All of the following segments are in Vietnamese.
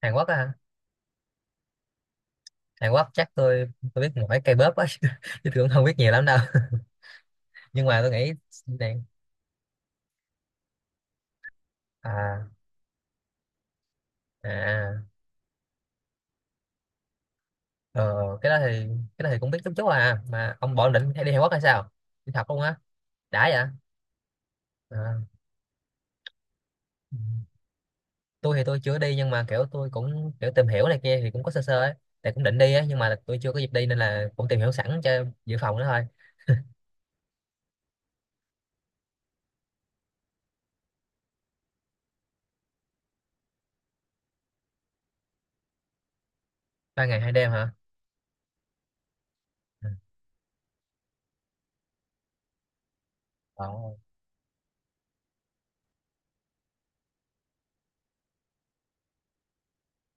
Hàn Quốc á hả? Hàn Quốc chắc tôi biết mỗi K-pop á chứ tôi cũng không biết nhiều lắm đâu nhưng mà tôi nghĩ này, à, à ờ, cái đó thì cũng biết chút chút. À mà ông bỏ định hay đi Hàn Quốc hay sao, đi học luôn á? Đã vậy à. Tôi thì tôi chưa đi nhưng mà kiểu tôi cũng kiểu tìm hiểu này kia thì cũng có sơ sơ ấy, tại cũng định đi á, nhưng mà tôi chưa có dịp đi nên là cũng tìm hiểu sẵn cho dự phòng đó thôi. Ba ngày hai đêm hả? Ừ. Ờ.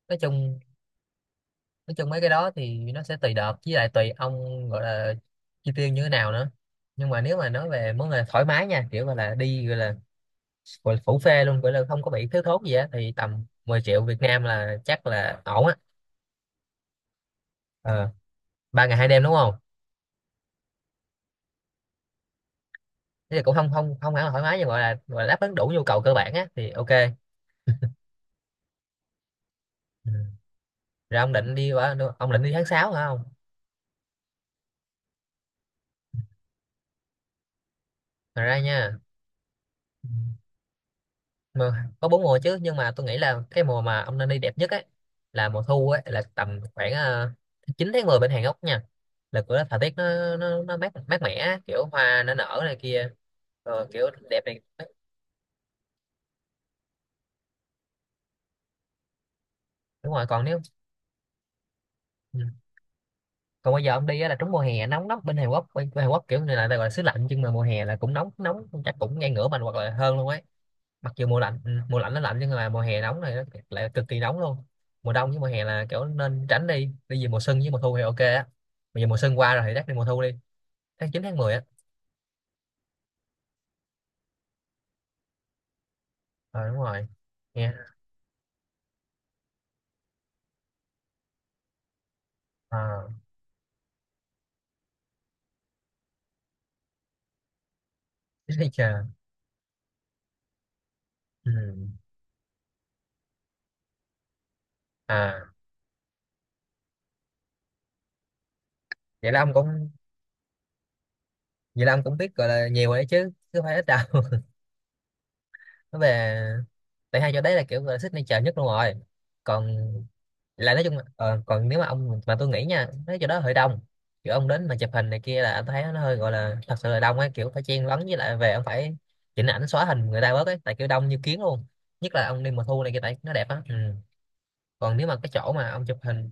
nói chung nói chung mấy cái đó thì nó sẽ tùy đợt, với lại tùy ông gọi là chi tiêu như thế nào nữa, nhưng mà nếu mà nói về món là thoải mái nha, kiểu gọi là đi, gọi là phủ phê luôn, gọi là không có bị thiếu thốn gì á, thì tầm 10 triệu Việt Nam là chắc là ổn á. ờ, Ba ngày hai đêm đúng không? Thế thì cũng không không không hẳn là thoải mái, nhưng gọi là đáp ứng đủ nhu cầu cơ bản á thì ok. Ừ. Rồi ông định đi qua, ông định đi tháng 6 hả không? Thật ra nha, mà có bốn mùa chứ, nhưng mà tôi nghĩ là cái mùa mà ông nên đi đẹp nhất ấy là mùa thu ấy, là tầm khoảng 9 tháng 10 bên Hàn Quốc nha, là cửa thời tiết nó mát mát mẻ á, kiểu hoa nó nở này kia, rồi kiểu đẹp này. Đúng rồi. Còn nếu, ừ. Còn bây giờ ông đi á là trúng mùa hè, nóng lắm bên Hàn Quốc. Bên Hàn Quốc kiểu này là gọi là xứ lạnh nhưng mà mùa hè là cũng nóng, nóng chắc cũng ngang ngửa mình hoặc là hơn luôn ấy. Mặc dù mùa lạnh, mùa lạnh nó lạnh, nhưng mà mùa hè nóng này nó lại cực kỳ nóng luôn. Mùa đông với mùa hè là kiểu nên tránh đi, đi về mùa xuân với mùa thu thì ok á. Bây giờ mùa xuân qua rồi thì chắc đi mùa thu đi, tháng chín tháng mười á. Ờ đúng rồi. Nghe ờ. Biết đi chờ. Ừ. À, vậy là ông cũng vậy là ông cũng biết gọi là nhiều rồi đấy chứ, chứ không phải ít đâu. Nó về, tại hai chỗ đấy là kiểu là signature nhất luôn rồi. Còn lại nói chung là, còn nếu mà ông mà, tôi nghĩ nha, mấy chỗ đó hơi đông, kiểu ông đến mà chụp hình này kia là anh thấy nó hơi gọi là thật sự là đông ấy, kiểu phải chen lấn, với lại về ông phải chỉnh ảnh xóa hình người ta bớt ấy, tại kiểu đông như kiến luôn, nhất là ông đi mùa thu này kia tại nó đẹp á. Ừ. Còn nếu mà cái chỗ mà ông chụp hình,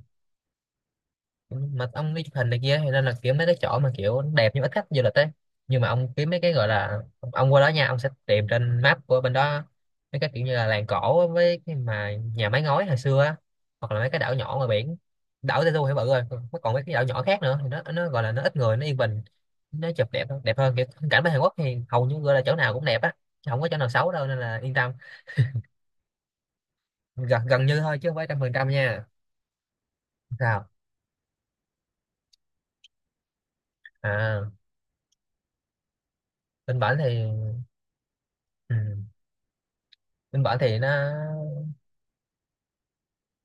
mà ông đi chụp hình này kia, thì nên là kiểu mấy cái chỗ mà kiểu đẹp nhưng ít khách du lịch ấy. Nhưng mà ông kiếm mấy cái gọi là ông qua đó nha, ông sẽ tìm trên map của bên đó mấy cái kiểu như là làng cổ á, với cái mà nhà mái ngói hồi xưa á, hoặc là mấy cái đảo nhỏ ngoài biển. Đảo Jeju thì bự rồi, còn còn mấy cái đảo nhỏ khác nữa thì nó gọi là nó ít người, nó yên bình, nó chụp đẹp hơn. Kiểu phong cảnh bên Hàn Quốc thì hầu như gọi là chỗ nào cũng đẹp á, chứ không có chỗ nào xấu đâu nên là yên tâm. Gần gần như thôi chứ không phải trăm phần trăm nha. Sao? À, bên bản thì ừ. Bên bản thì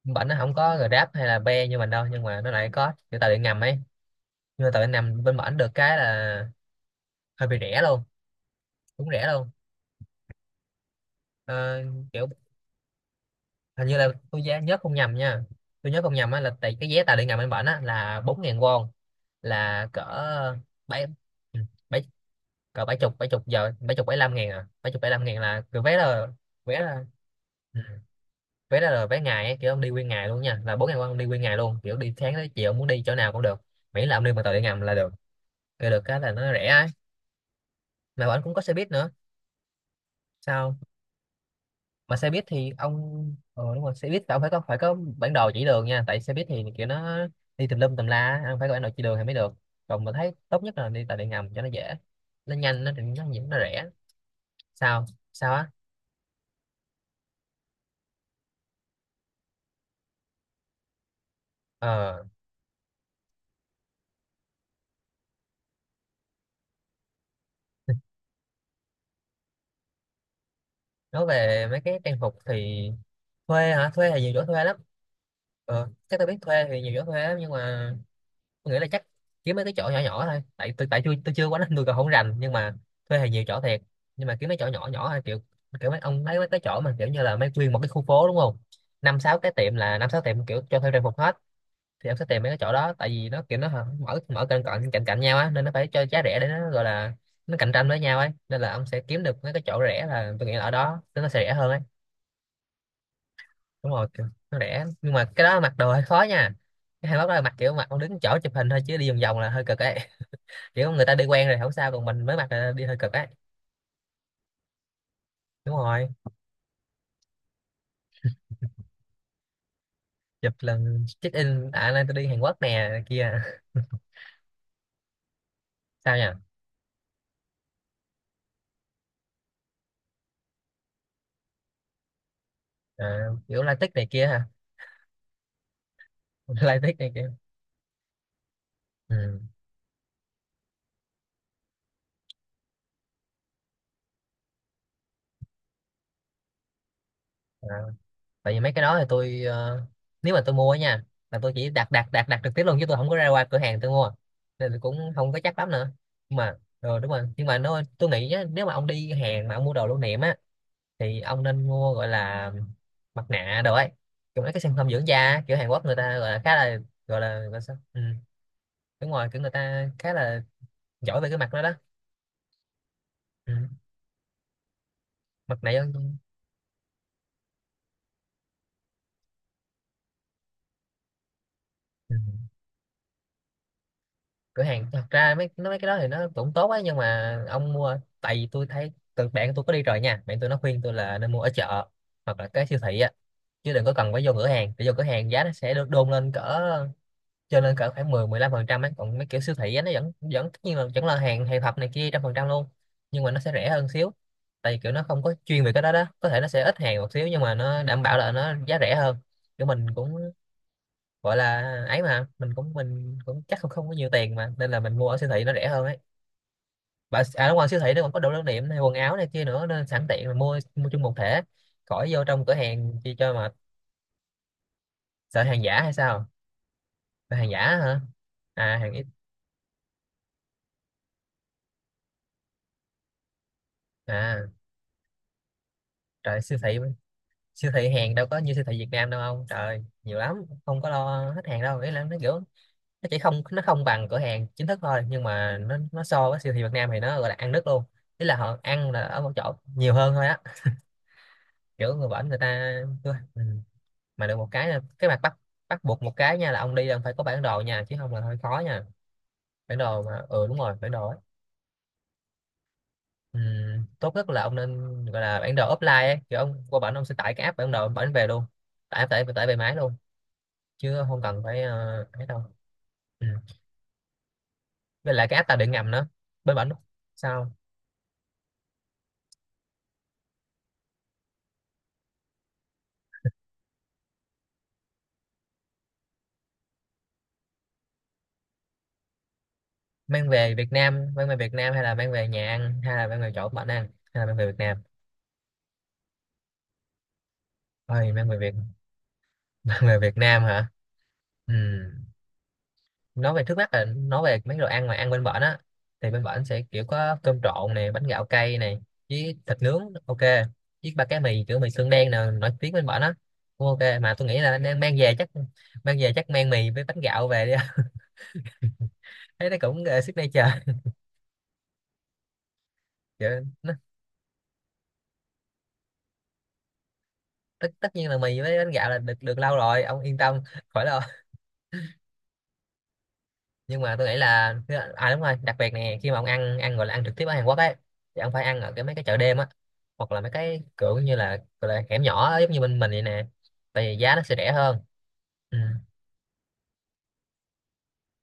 bển nó không có Grab hay là Be như mình đâu, nhưng mà nó lại có kiểu tàu điện ngầm ấy. Nhưng mà tàu điện ngầm bên bển được cái là hơi bị rẻ luôn, cũng rẻ luôn. Ờ, kiểu hình như là tôi giá nhớ không nhầm nha, tôi nhớ không nhầm á, là tại cái vé tàu điện ngầm bên bển á là bốn ngàn won, là cỡ bảy, ừ, bảy, cỡ bảy chục, bảy chục giờ, bảy chục bảy lăm ngàn à, bảy chục bảy lăm ngàn là cái vé là. vé là ừ, Vé đó là vé ngày ấy, kiểu ông đi nguyên ngày luôn nha, là bốn ngàn won ông đi nguyên ngày luôn, kiểu đi sáng tới chiều muốn đi chỗ nào cũng được, miễn là ông đi bằng tàu điện ngầm là được. Rồi được cái là nó rẻ ấy, mà bọn anh cũng có xe buýt nữa. Sao? Mà xe buýt thì ông, ờ đúng rồi, xe buýt là ông phải có, phải có bản đồ chỉ đường nha, tại xe buýt thì kiểu nó đi tùm lum tùm la, ông phải có bản đồ chỉ đường thì mới được. Còn mà thấy tốt nhất là đi tàu điện ngầm cho nó dễ, nó nhanh, nó rẻ. Sao? Sao á? Ờ, nói về mấy cái trang phục thì, thuê hả? Thuê thì nhiều chỗ thuê lắm. Ờ chắc tôi biết thuê thì nhiều chỗ thuê lắm, nhưng mà tôi nghĩ là chắc kiếm mấy cái chỗ nhỏ nhỏ thôi, tại tôi chưa quá nên tôi còn không rành, nhưng mà thuê thì nhiều chỗ thiệt, nhưng mà kiếm mấy chỗ nhỏ nhỏ thôi, kiểu kiểu mấy ông lấy mấy cái chỗ mà kiểu như là mấy nguyên một cái khu phố đúng không, năm sáu cái tiệm là năm sáu tiệm kiểu cho thuê trang phục hết, thì em sẽ tìm mấy cái chỗ đó, tại vì nó kiểu nó mở, cạnh cạnh cạnh cạnh nhau á, nên nó phải cho giá rẻ để nó gọi là nó cạnh tranh với nhau ấy, nên là ông sẽ kiếm được mấy cái chỗ rẻ, là tôi nghĩ là ở đó nên nó sẽ rẻ hơn ấy. Đúng rồi, kiểu nó rẻ nhưng mà cái đó mặc đồ hơi khó nha, cái hai mốt đó là mặc, kiểu mặc ông đứng chỗ chụp hình thôi chứ đi vòng vòng là hơi cực ấy, kiểu người ta đi quen rồi không sao, còn mình mới mặc là đi hơi cực ấy. Đúng rồi, chụp lần check in, à nay tôi đi Hàn Quốc nè này kia. Sao nhỉ? À, kiểu latex này kia hả? Latex này kia. Ừ. À, tại vì mấy cái đó thì tôi, ờ, nếu mà tôi mua á nha, là tôi chỉ đặt, đặt đặt đặt trực tiếp luôn chứ tôi không có ra qua cửa hàng tôi mua, nên tôi cũng không có chắc lắm nữa. Nhưng mà ờ đúng rồi, nhưng mà nó tôi nghĩ á, nếu mà ông đi Hàn mà ông mua đồ lưu niệm á, thì ông nên mua gọi là mặt nạ đồ ấy, kiểu mấy cái sản phẩm dưỡng da á, kiểu Hàn Quốc người ta gọi là khá là, gọi là sao, ừ. Đúng rồi, kiểu người ta khá là giỏi về cái mặt đó đó. Ừ. Mặt nạ dưỡng-. Ừ. Cửa hàng thật ra mấy nó mấy cái đó thì nó cũng tốt ấy, nhưng mà ông mua, tại vì tôi thấy từ bạn tôi có đi rồi nha, bạn tôi nó khuyên tôi là nên mua ở chợ hoặc là cái siêu thị á, chứ đừng có cần phải vô cửa hàng, để vô cửa hàng giá nó sẽ được đôn lên cỡ, cho nên cỡ khoảng mười, mười lăm phần trăm ấy. Còn mấy kiểu siêu thị á, nó vẫn vẫn tất nhiên là vẫn là hàng, hàng thật này kia trăm phần trăm luôn, nhưng mà nó sẽ rẻ hơn xíu, tại vì kiểu nó không có chuyên về cái đó đó, có thể nó sẽ ít hàng một xíu nhưng mà nó đảm bảo là nó giá rẻ hơn. Kiểu mình cũng gọi là ấy, mà mình cũng chắc không không có nhiều tiền mà, nên là mình mua ở siêu thị nó rẻ hơn ấy. Và à, đúng rồi, siêu thị nó còn có đồ lưu niệm này, quần áo này kia nữa, nên sẵn tiện là mua mua chung một thể, khỏi vô trong cửa hàng chi cho mà. Sợ hàng giả hay sao? Sợ hàng giả hả? À hàng ít. À trời siêu thị, siêu thị hàng đâu có như siêu thị Việt Nam đâu ông trời, nhiều lắm, không có lo hết hàng đâu. Ý là nó kiểu chỉ không, nó không bằng cửa hàng chính thức thôi, nhưng mà nó so với siêu thị Việt Nam thì Nó gọi là ăn đứt luôn. Ý là họ ăn là ở một chỗ nhiều hơn thôi á, kiểu người bển người ta ừ. Mà được một cái là cái mặt bắt, bắt buộc một cái nha là ông đi là ông phải có bản đồ nha, chứ không là hơi khó nha. Bản đồ, mà ừ đúng rồi, bản đồ ấy. Ừ. Tốt nhất là ông nên gọi là bản đồ offline ấy. Kiểu ông qua bển ông sẽ tải cái app bản đồ ông bển về luôn, tải tải tải về máy luôn, chứ không cần phải ấy đâu. Ừ. Với lại cái áp tàu điện ngầm nữa, bên bển. Sao? Mang về Việt Nam? Mang về Việt Nam hay là mang về nhà ăn hay là mang về chỗ bạn ăn, hay là mang về Việt Nam? Thôi mang về Việt, mang về Việt Nam hả. Ừ. Nói về trước mắt là nói về mấy đồ ăn mà ăn bên bển á, thì bên bển sẽ kiểu có cơm trộn này, bánh gạo cay này, với thịt nướng, ok, với ba cái mì kiểu mì xương đen nè, nổi tiếng bên bển á, cũng ok. Mà tôi nghĩ là nên mang về chắc, mang về chắc mang mì với bánh gạo về đi. Thấy nó cũng signature. Kiểu nó tất tất nhiên là mì với bánh gạo là được được lâu rồi, ông yên tâm, khỏi lo. Nhưng mà tôi nghĩ là, à đúng rồi, đặc biệt nè, khi mà ông ăn ăn gọi là ăn trực tiếp ở Hàn Quốc ấy, thì ông phải ăn ở cái mấy cái chợ đêm á, hoặc là mấy cái kiểu như là, gọi là hẻm nhỏ á, giống như bên mình vậy nè, tại vì giá nó sẽ rẻ hơn. Ừ.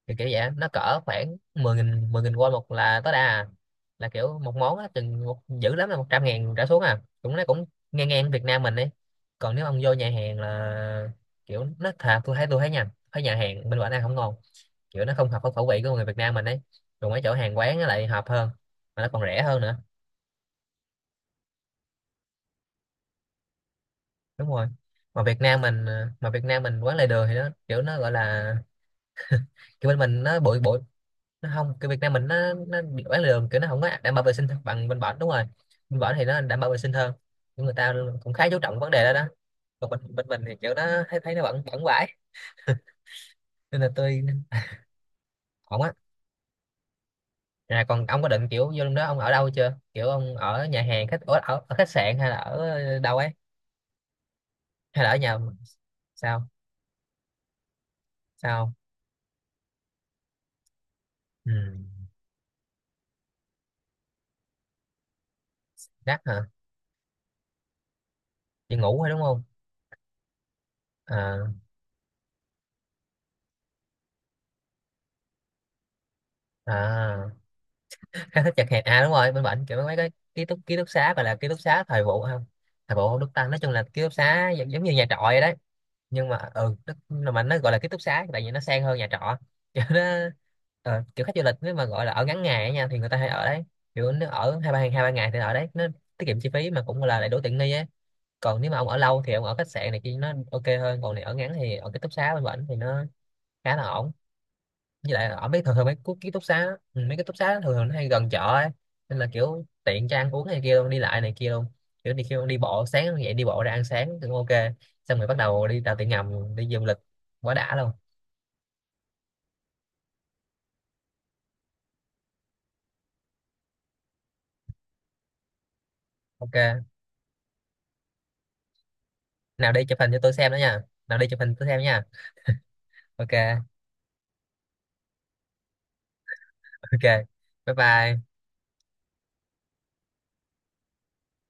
Kiểu vậy nó cỡ khoảng 10 nghìn, 10 nghìn won một là tối đa à. Là kiểu một món á chừng một, dữ lắm là 100 ngàn trở xuống à, cũng nó cũng ngang ngang Việt Nam mình đi. Còn nếu ông vô nhà hàng là kiểu nó thà, tôi thấy nha, thấy nhà hàng bên ngoài ăn không ngon, kiểu nó không hợp với khẩu vị của người Việt Nam mình ấy, còn mấy chỗ hàng quán nó lại hợp hơn, mà nó còn rẻ hơn nữa. Đúng rồi, mà Việt Nam mình quán lề đường thì nó kiểu nó gọi là kiểu bên mình nó bụi bụi, nó không, cái Việt Nam mình nó bị bán lường, kiểu nó không có đảm bảo vệ sinh bằng bên bển, đúng rồi. Bên bển thì nó đảm bảo vệ sinh hơn, nhưng người ta cũng khá chú trọng vấn đề đó đó. Còn bên bên mình thì kiểu nó thấy, thấy nó bẩn bẩn vãi, nên là tôi ổn á. À, còn ông có định kiểu vô lúc đó ông ở đâu chưa, kiểu ông ở nhà hàng khách, ở khách sạn hay là ở đâu ấy, hay là ở nhà? Sao? Sao? Ừ. Đắt hả? Chị ngủ thôi đúng không? À. À khá thích chật hẹp, à đúng rồi, bên bệnh kiểu mấy cái ký túc xá gọi là ký túc xá thời vụ không, thời vụ Đức Tăng, nói chung là ký túc xá giống như nhà trọ vậy đấy, nhưng mà ừ nó, mà nó gọi là ký túc xá tại vì nó sang hơn nhà trọ. Kiểu nó kiểu khách du lịch nếu mà gọi là ở ngắn ngày á nha thì người ta hay ở đấy. Kiểu nếu ở 2 3 ngày thì ở đấy nó tiết kiệm chi phí mà cũng là lại đủ tiện nghi ấy. Còn nếu mà ông ở lâu thì ông ở khách sạn này kia nó ok hơn, còn này ở ngắn thì ở ký túc xá bên bệnh thì nó khá là ổn. Với lại là ở mấy thường thường mấy ký ký túc xá á, ừ, mấy cái túc xá á, thường thường nó hay gần chợ ấy, nên là kiểu tiện cho ăn uống này kia luôn, đi lại này kia luôn, kiểu đi kêu đi bộ sáng dậy đi bộ ra ăn sáng cũng ok, xong rồi bắt đầu đi tàu điện ngầm đi du lịch, quá đã luôn. Ok. Nào đi chụp hình cho tôi xem nữa nha, nào đi chụp hình tôi xem nha. Ok. Ok, bye bye.